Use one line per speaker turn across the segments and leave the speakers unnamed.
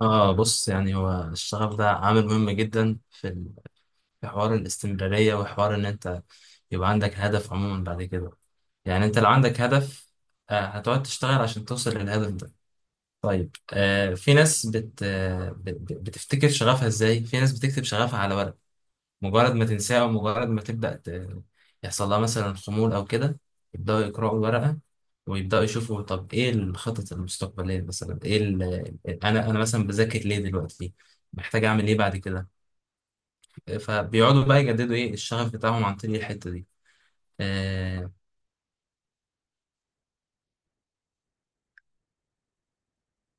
اه، بص يعني هو الشغف ده عامل مهم جدا في حوار الاستمرارية وحوار ان انت يبقى عندك هدف عموما بعد كده. يعني انت لو عندك هدف هتقعد تشتغل عشان توصل للهدف ده. طيب، في ناس بتفتكر شغفها ازاي. في ناس بتكتب شغفها على ورق، مجرد ما تنساه أو مجرد ما تبدأ يحصل لها مثلا خمول أو كده، يبدأوا يقرأوا الورقة ويبدأوا يشوفوا طب إيه الخطط المستقبلية، مثلا أنا مثلا بذاكر ليه دلوقتي، محتاج أعمل إيه بعد كده. فبيقعدوا بقى يجددوا إيه الشغف بتاعهم عن طريق الحتة دي. آه،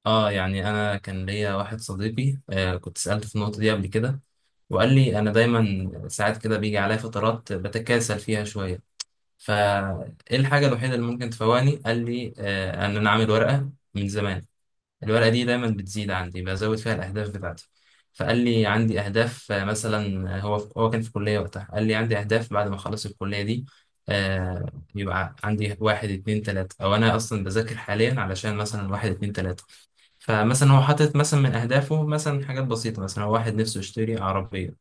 يعني أنا كان ليا واحد صديقي كنت سألته في النقطة دي قبل كده. وقال لي أنا دايما ساعات كده بيجي عليا فترات بتكاسل فيها شوية، فايه الحاجة الوحيدة اللي ممكن تفوقني؟ قال لي ان انا اعمل ورقة من زمان، الورقة دي دايما بتزيد عندي، بزود فيها الاهداف بتاعتي. فقال لي عندي اهداف، مثلا، هو كان في كلية وقتها، قال لي عندي اهداف بعد ما اخلص الكلية دي. آه، يبقى عندي واحد اتنين تلاتة، او انا اصلا بذاكر حاليا علشان مثلا واحد اتنين تلاتة. فمثلا هو حاطط مثلا من اهدافه مثلا حاجات بسيطة، مثلا هو واحد نفسه يشتري عربية.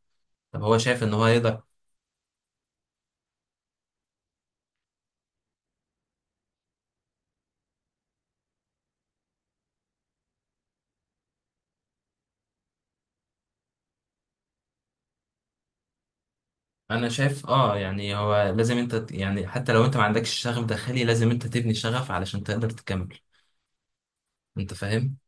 طب هو شايف ان هو يقدر. انا شايف، يعني هو لازم انت يعني حتى لو انت ما عندكش شغف داخلي لازم انت تبني شغف علشان تقدر تكمل. انت فاهم؟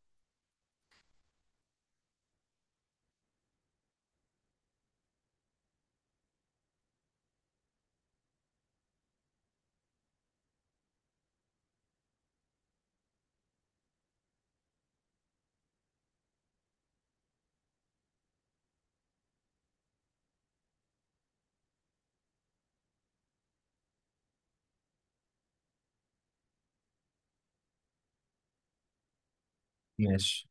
ماشي.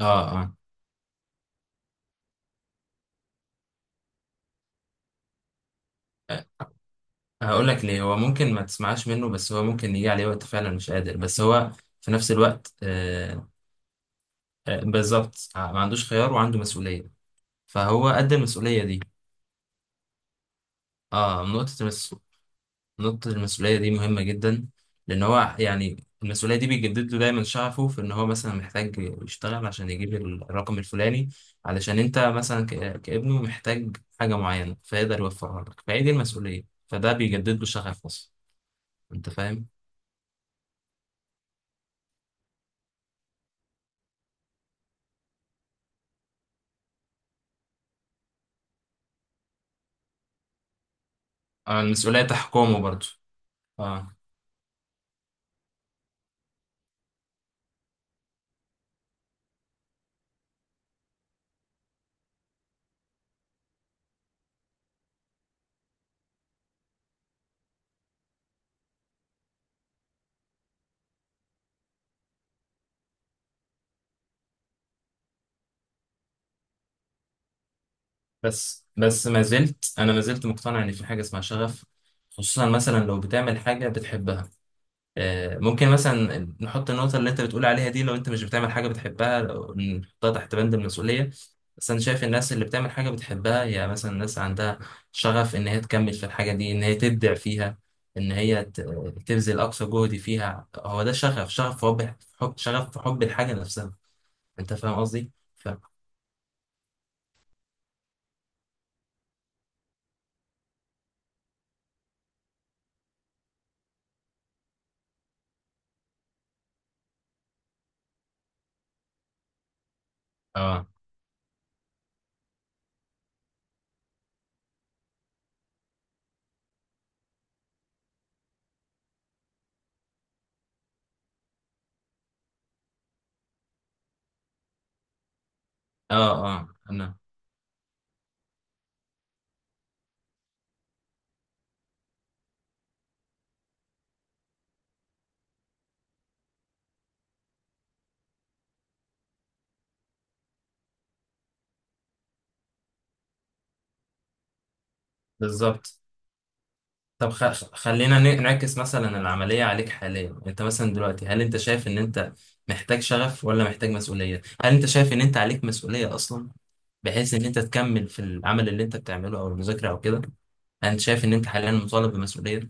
اه، اه. أه، هقول لك ليه هو ممكن ما تسمعش منه، بس هو ممكن يجي عليه وقت فعلا مش قادر، بس هو في نفس الوقت آه بالظبط، ما عندوش خيار وعنده مسؤولية. فهو قد المسؤولية دي. اه، نقطة. نقطة المسؤولية دي مهمة جدا، لأن هو يعني المسؤولية دي بيجدد له دايما شغفه في إن هو مثلا محتاج يشتغل عشان يجيب الرقم الفلاني، علشان أنت مثلا كابنه محتاج حاجة معينة فيقدر يوفرها لك. فهي دي المسؤولية، فده بيجدد له شغف أصلا. أنت فاهم؟ المسؤولية تحكمه برضه. أه. بس ما زلت مقتنع إن في حاجة اسمها شغف، خصوصا مثلا لو بتعمل حاجة بتحبها. ممكن مثلا نحط النقطة اللي أنت بتقول عليها دي. لو أنت مش بتعمل حاجة بتحبها، نحطها تحت بند المسؤولية. بس أنا شايف الناس اللي بتعمل حاجة بتحبها، هي مثلا الناس عندها شغف إن هي تكمل في الحاجة دي، إن هي تبدع فيها، إن هي تبذل أقصى جهد فيها. هو ده شغف، شغف في حب شغف في حب الحاجة نفسها. أنت فاهم قصدي؟ آه، آه، آه. أنا بالظبط. طب خلينا نعكس مثلا العملية عليك حاليا. انت مثلا دلوقتي، هل انت شايف ان انت محتاج شغف ولا محتاج مسؤولية؟ هل انت شايف ان انت عليك مسؤولية اصلا، بحيث ان انت تكمل في العمل اللي انت بتعمله او المذاكرة او كده؟ انت شايف ان انت حاليا مطالب بمسؤولية.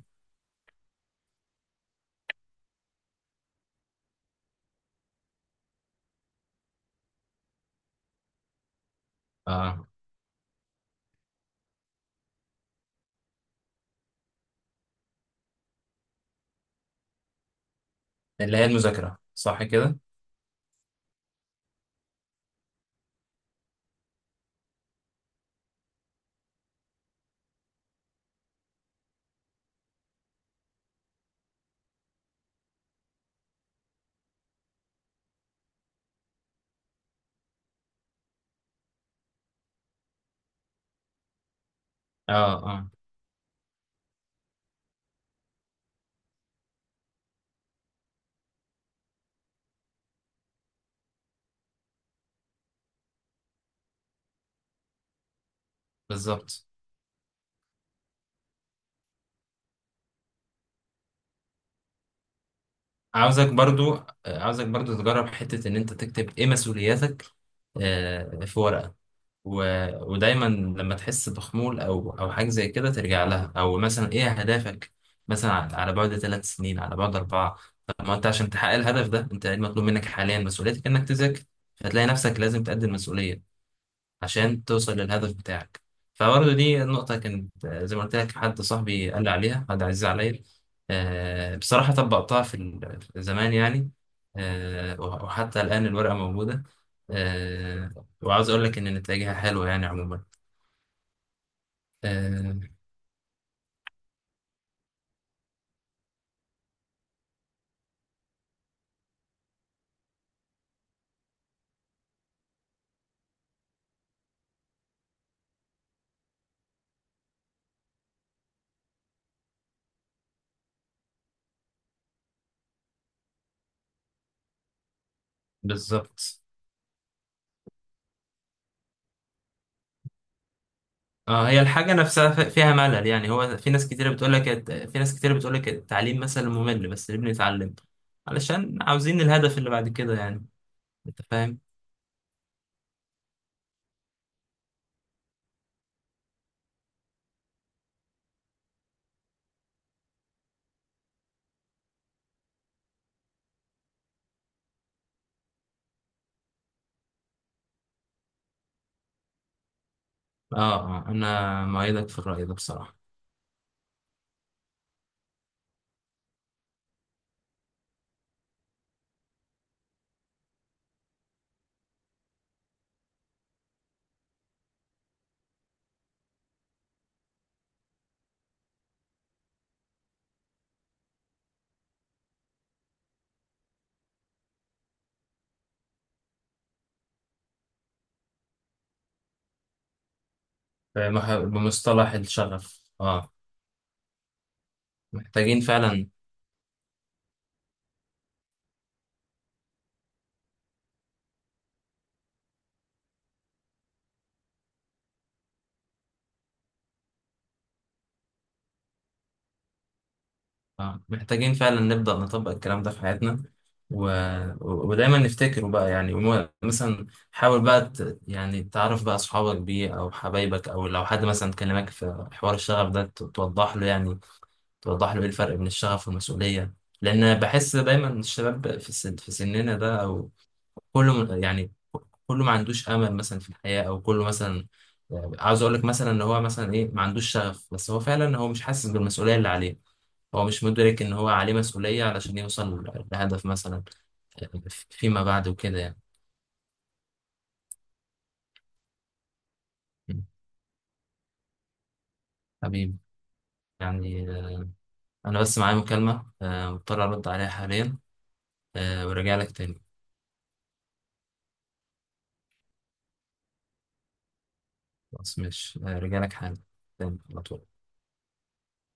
اه، اللي هي المذاكرة، صح كده؟ اه، اه، بالظبط. عاوزك برضو عاوزك برضو تجرب حتة ان انت تكتب ايه مسؤولياتك، في ورقة. و... ودايما لما تحس بخمول او حاجه زي كده ترجع لها، او مثلا ايه اهدافك مثلا، على بعد 3 سنين، على بعد 4. طب ما انت عشان تحقق الهدف ده، انت إيه المطلوب منك حاليا؟ مسؤوليتك انك تذاكر، هتلاقي نفسك لازم تقدم مسؤوليه عشان توصل للهدف بتاعك. فبرضه دي النقطة كانت، زي ما قلت لك، حد صاحبي قال لي عليها، حد عزيز عليا. بصراحة طبقتها في زمان يعني، وحتى الآن الورقة موجودة. آه، وعاوز أقول لك إن نتائجها حلوة يعني عموما. آه، بالظبط. اه هي الحاجة نفسها فيها ملل، يعني هو في ناس كتير بتقول لك، في ناس كتير بتقول لك التعليم مثلا ممل، بس ليه بنتعلم؟ علشان عاوزين الهدف اللي بعد كده يعني. انت فاهم؟ اه. انا مؤيدك في الرأي ده بصراحة. بمصطلح الشغف، اه. محتاجين فعلا. محتاجين فعلا نبدأ نطبق الكلام ده في حياتنا، و... ودايما نفتكره بقى يعني. مثلا حاول بقى يعني تعرف بقى اصحابك بيه او حبايبك، او لو حد مثلا كلمك في حوار الشغف ده توضح له يعني، توضح له ايه الفرق بين الشغف والمسؤولية. لان بحس دايما الشباب في سننا ده، او كله يعني، كله ما عندوش امل مثلا في الحياه، او كله مثلا، يعني عاوز اقول لك مثلا ان هو مثلا ايه، ما عندوش شغف، بس هو فعلا هو مش حاسس بالمسؤوليه اللي عليه، هو مش مدرك ان هو عليه مسؤوليه علشان يوصل لهدف مثلا فيما بعد وكده يعني. م. حبيبي، يعني انا بس معايا مكالمه، مضطر ارد عليها حاليا، وراجع لك تاني. خلاص ماشي، راجع لك حالا تاني على طول.